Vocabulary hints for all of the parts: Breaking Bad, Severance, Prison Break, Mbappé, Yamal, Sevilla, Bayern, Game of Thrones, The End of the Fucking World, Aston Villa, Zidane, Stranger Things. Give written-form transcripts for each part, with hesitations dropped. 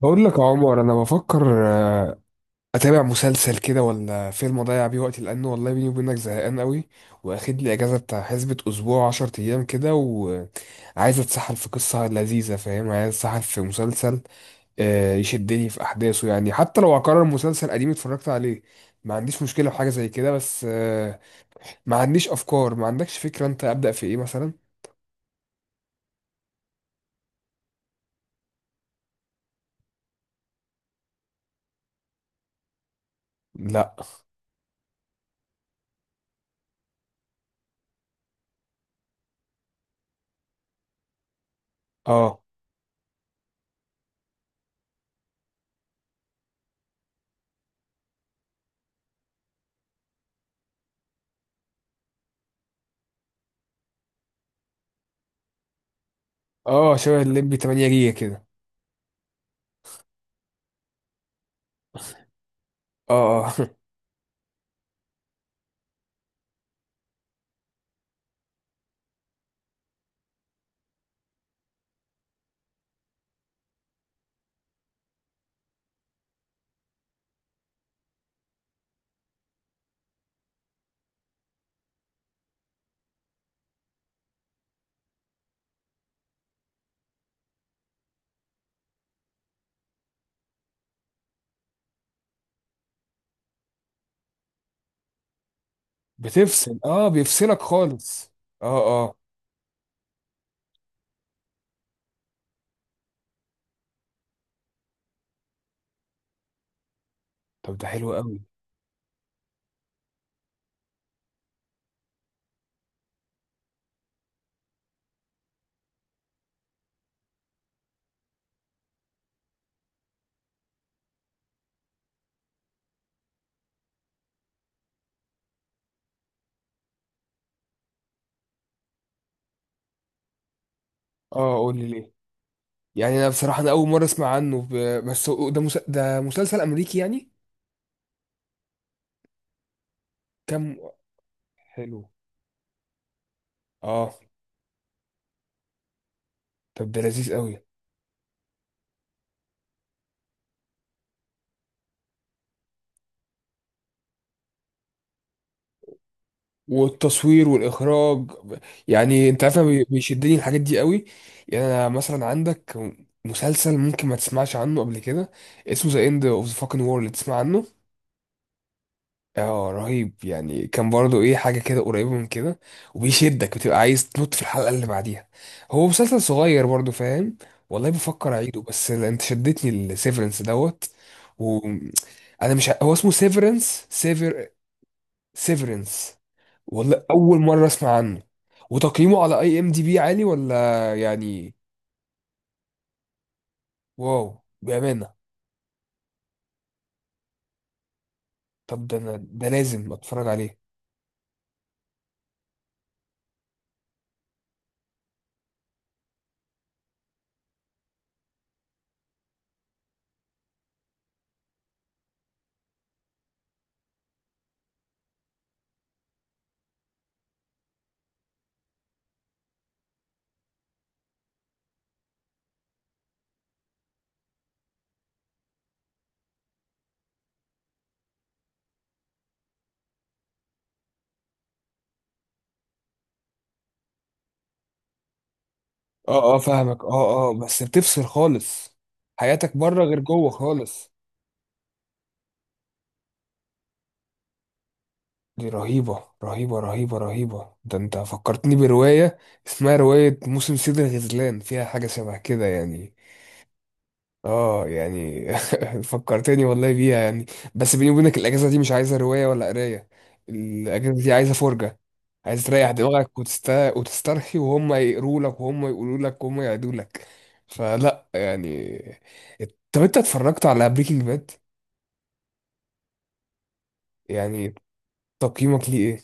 بقول لك يا عمر، انا بفكر اتابع مسلسل كده ولا فيلم اضيع بيه وقتي، لانه والله بيني وبينك زهقان قوي. واخد لي اجازه بتاع حسبه اسبوع، 10 ايام كده، وعايز اتسحل في قصه لذيذه، فاهم؟ عايز اتسحل في مسلسل يشدني في احداثه، يعني حتى لو هكرر مسلسل قديم اتفرجت عليه ما عنديش مشكله في حاجه زي كده. بس ما عنديش افكار، ما عندكش فكره انت ابدا في ايه مثلا؟ لا. اه اه شبه الليمبي 8 جيجا كده. اه بتفصل، اه، بيفصلك خالص. اه اه طب ده حلو قوي. اه، قول لي ليه. يعني انا بصراحه، انا اول مره اسمع عنه بس ده ده مسلسل امريكي يعني. كم. حلو. اه. طب ده لذيذ قوي. والتصوير والاخراج ب- يعني انت عارف أنا بيشدني الحاجات دي قوي. يعني انا مثلا عندك مسلسل ممكن ما تسمعش عنه قبل كده، اسمه ذا اند اوف ذا فاكن وورلد، تسمع عنه؟ اه، رهيب يعني، كان برضو ايه، حاجة كده قريبة من كده، وبيشدك، بتبقى عايز تنط في الحلقة اللي بعديها. هو مسلسل صغير برضو، فاهم؟ والله بفكر اعيده، بس انت شدتني السيفرنس دوت. وانا مش هو اسمه سيفرنس؟ سيفر؟ سيفرنس. والله اول مرة اسمع عنه. وتقييمه على اي ام دي بي عالي ولا يعني؟ واو، بأمانة. طب ده انا ده لازم اتفرج عليه. اه فاهمك، اه بس بتفصل خالص، حياتك بره غير جوه خالص. دي رهيبة، رهيبة، رهيبة، رهيبة. ده انت فكرتني برواية اسمها رواية موسم صيد الغزلان، فيها حاجة شبه كده يعني. اه يعني فكرتني والله بيها يعني. بس بيني وبينك الأجازة دي مش عايزة رواية ولا قراية، الأجازة دي عايزة فرجة. عايز تريح دماغك وتسترخي، وهم يقروا لك، وهم يقولوا لك، وهم يعدوا لك. فلا يعني. طب انت اتفرجت على بريكنج باد؟ يعني تقييمك ليه ايه؟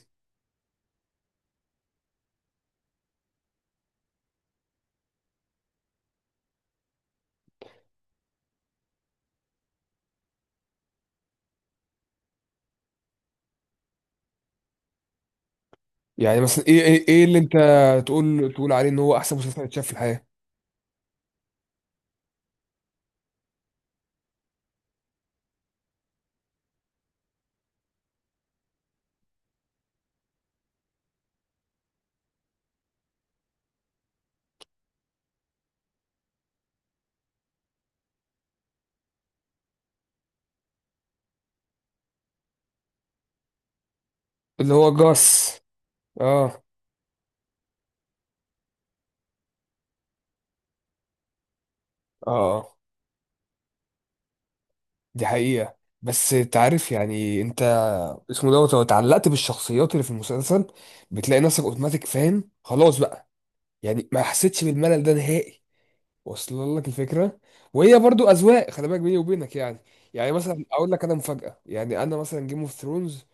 يعني مثلا ايه، إيه اللي انت تقول عليه ان هو احسن مسلسل اتشاف في الحياة؟ اللي هو جاس. اه. اه. آه. دي حقيقة، بس تعرف يعني انت، اسمه دوت، لو اتعلقت بالشخصيات اللي في المسلسل بتلاقي نفسك اوتوماتيك فاهم خلاص بقى. يعني ما حسيتش بالملل ده نهائي. واصل لك الفكرة. وهي برضو اذواق، خلي بالك، بيني وبينك يعني. يعني مثلا اقول لك انا مفاجأة، يعني انا مثلا جيم اوف ثرونز.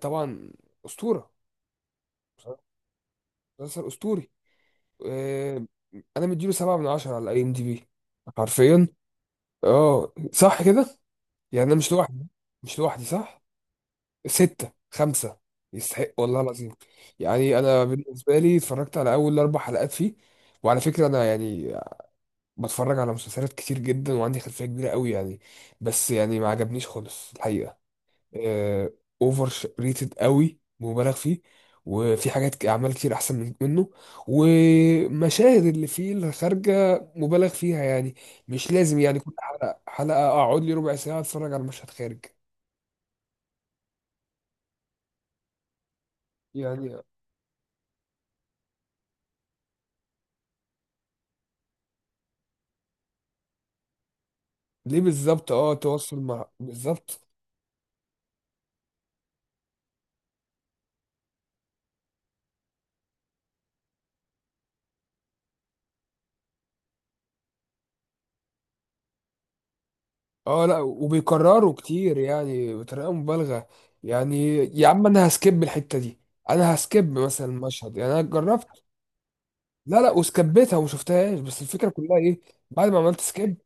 طبعا. اسطورة. مسلسل اسطوري. آه، انا مديله سبعة من عشرة على اي ام دي بي، حرفيا. اه، صح كده. يعني انا مش لوحدي، مش لوحدي صح. ستة خمسة يستحق والله العظيم. يعني انا بالنسبة لي اتفرجت على اول اربع حلقات فيه، وعلى فكرة انا يعني بتفرج على مسلسلات كتير جدا وعندي خلفية كبيرة قوي يعني. بس يعني ما عجبنيش خالص الحقيقة. اوفر ريتد قوي، مبالغ فيه. وفي حاجات اعمال كتير احسن منه. ومشاهد اللي فيه الخارجه مبالغ فيها يعني، مش لازم يعني كل حلقه حلقه اقعد لي ربع ساعه اتفرج على مشهد خارج يعني. ليه بالظبط؟ اه، تواصل مع بالظبط. اه، لا وبيكرروا كتير يعني بطريقه مبالغه. يعني يا عم انا هسكيب الحته دي، انا هسكيب مثلا المشهد. يعني انا جربت، لا وسكبتها وما شفتهاش، بس الفكره كلها ايه بعد ما عملت سكيب؟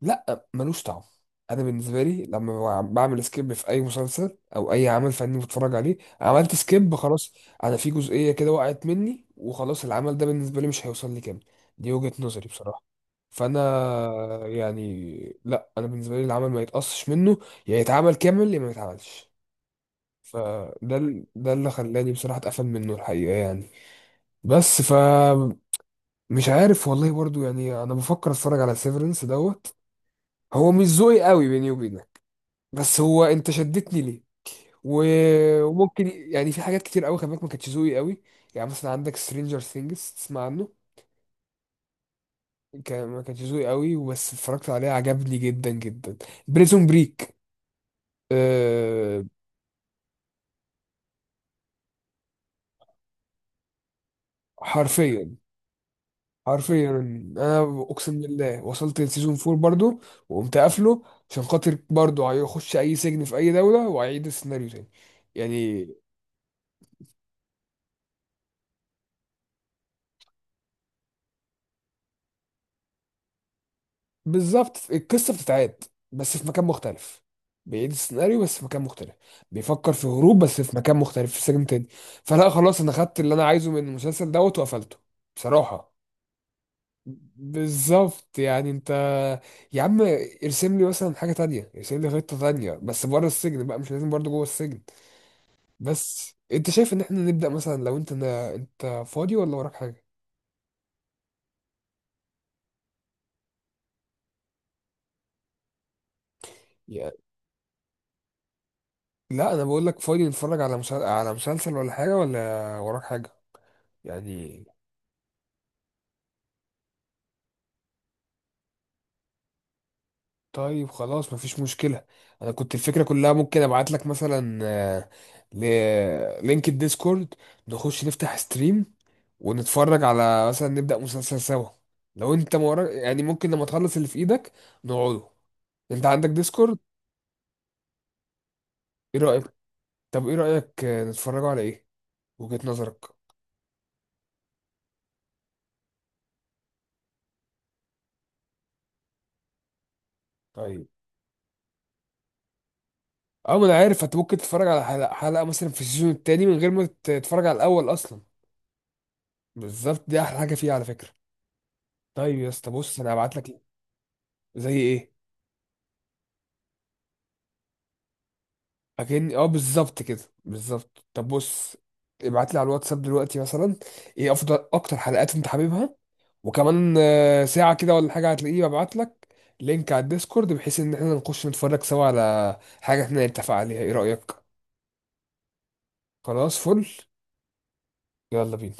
لا ملوش طعم. انا بالنسبه لي لما بعمل سكيب في اي مسلسل او اي عمل فني بتفرج عليه، عملت سكيب خلاص. انا في جزئيه كده وقعت مني وخلاص، العمل ده بالنسبه لي مش هيوصل لي كامل. دي وجهه نظري بصراحه. فانا يعني لا، انا بالنسبه لي العمل ما يتقصش منه، يا يتعمل كامل يا ما يتعملش. ده اللي خلاني بصراحه اتقفل منه الحقيقه يعني. بس ف مش عارف والله برضو، يعني انا بفكر اتفرج على سيفرنس دوت. هو مش ذوقي قوي بيني وبينك، بس هو انت شدتني ليه. وممكن يعني في حاجات كتير قوي خلي بالك ما كانتش ذوقي قوي. يعني مثلا عندك سترينجر ثينجز، تسمع عنه؟ كان ما كانش ذوقي قوي بس اتفرجت عليه عجبني جدا جدا. بريزون بريك. أه. حرفيا. حرفيا، انا اقسم بالله وصلت لسيزون فور برضو وقمت قافله، عشان خاطر برضو هيخش اي سجن في اي دوله وهيعيد السيناريو تاني يعني. بالظبط، القصه بتتعاد بس في مكان مختلف، بيعيد السيناريو بس في مكان مختلف، بيفكر في هروب بس في مكان مختلف في سجن تاني. فلا خلاص، انا خدت اللي انا عايزه من المسلسل دوت وقفلته بصراحه. بالظبط. يعني انت، يا عم، ارسم لي مثلا حاجه تانية، ارسم لي خطه تانية بس بره السجن بقى، مش لازم برضه جوه السجن. بس انت شايف ان احنا نبدا مثلا، لو انت فاضي ولا وراك حاجه يعني. لا انا بقول لك فاضي نتفرج على على مسلسل ولا حاجه، ولا وراك حاجه يعني؟ طيب خلاص مفيش مشكلة. انا كنت الفكرة كلها ممكن ابعت لك مثلا لينك الديسكورد، نخش نفتح ستريم ونتفرج على مثلا، نبدأ مسلسل سوا، لو انت مورا يعني ممكن لما تخلص اللي في ايدك نقعده. انت عندك ديسكورد؟ ايه رأيك؟ طب ايه رأيك نتفرجوا على ايه؟ وجهة نظرك؟ طيب اه، ما انا عارف انت ممكن تتفرج على حلقة، حلقة مثلا في السيزون التاني من غير ما تتفرج على الاول اصلا. بالظبط، دي احلى حاجة فيها على فكرة. طيب يا اسطى بص، انا هبعت لك. زي ايه؟ اكن اه بالظبط كده بالظبط. طب بص، ابعت لي على الواتساب دلوقتي مثلا ايه افضل اكتر حلقات انت حاببها، وكمان ساعة كده ولا حاجة هتلاقيه ببعت لك لينك على الديسكورد، بحيث ان احنا نخش نتفرج سوا على حاجة احنا نتفق عليها. ايه رأيك؟ خلاص فل. يلا بينا.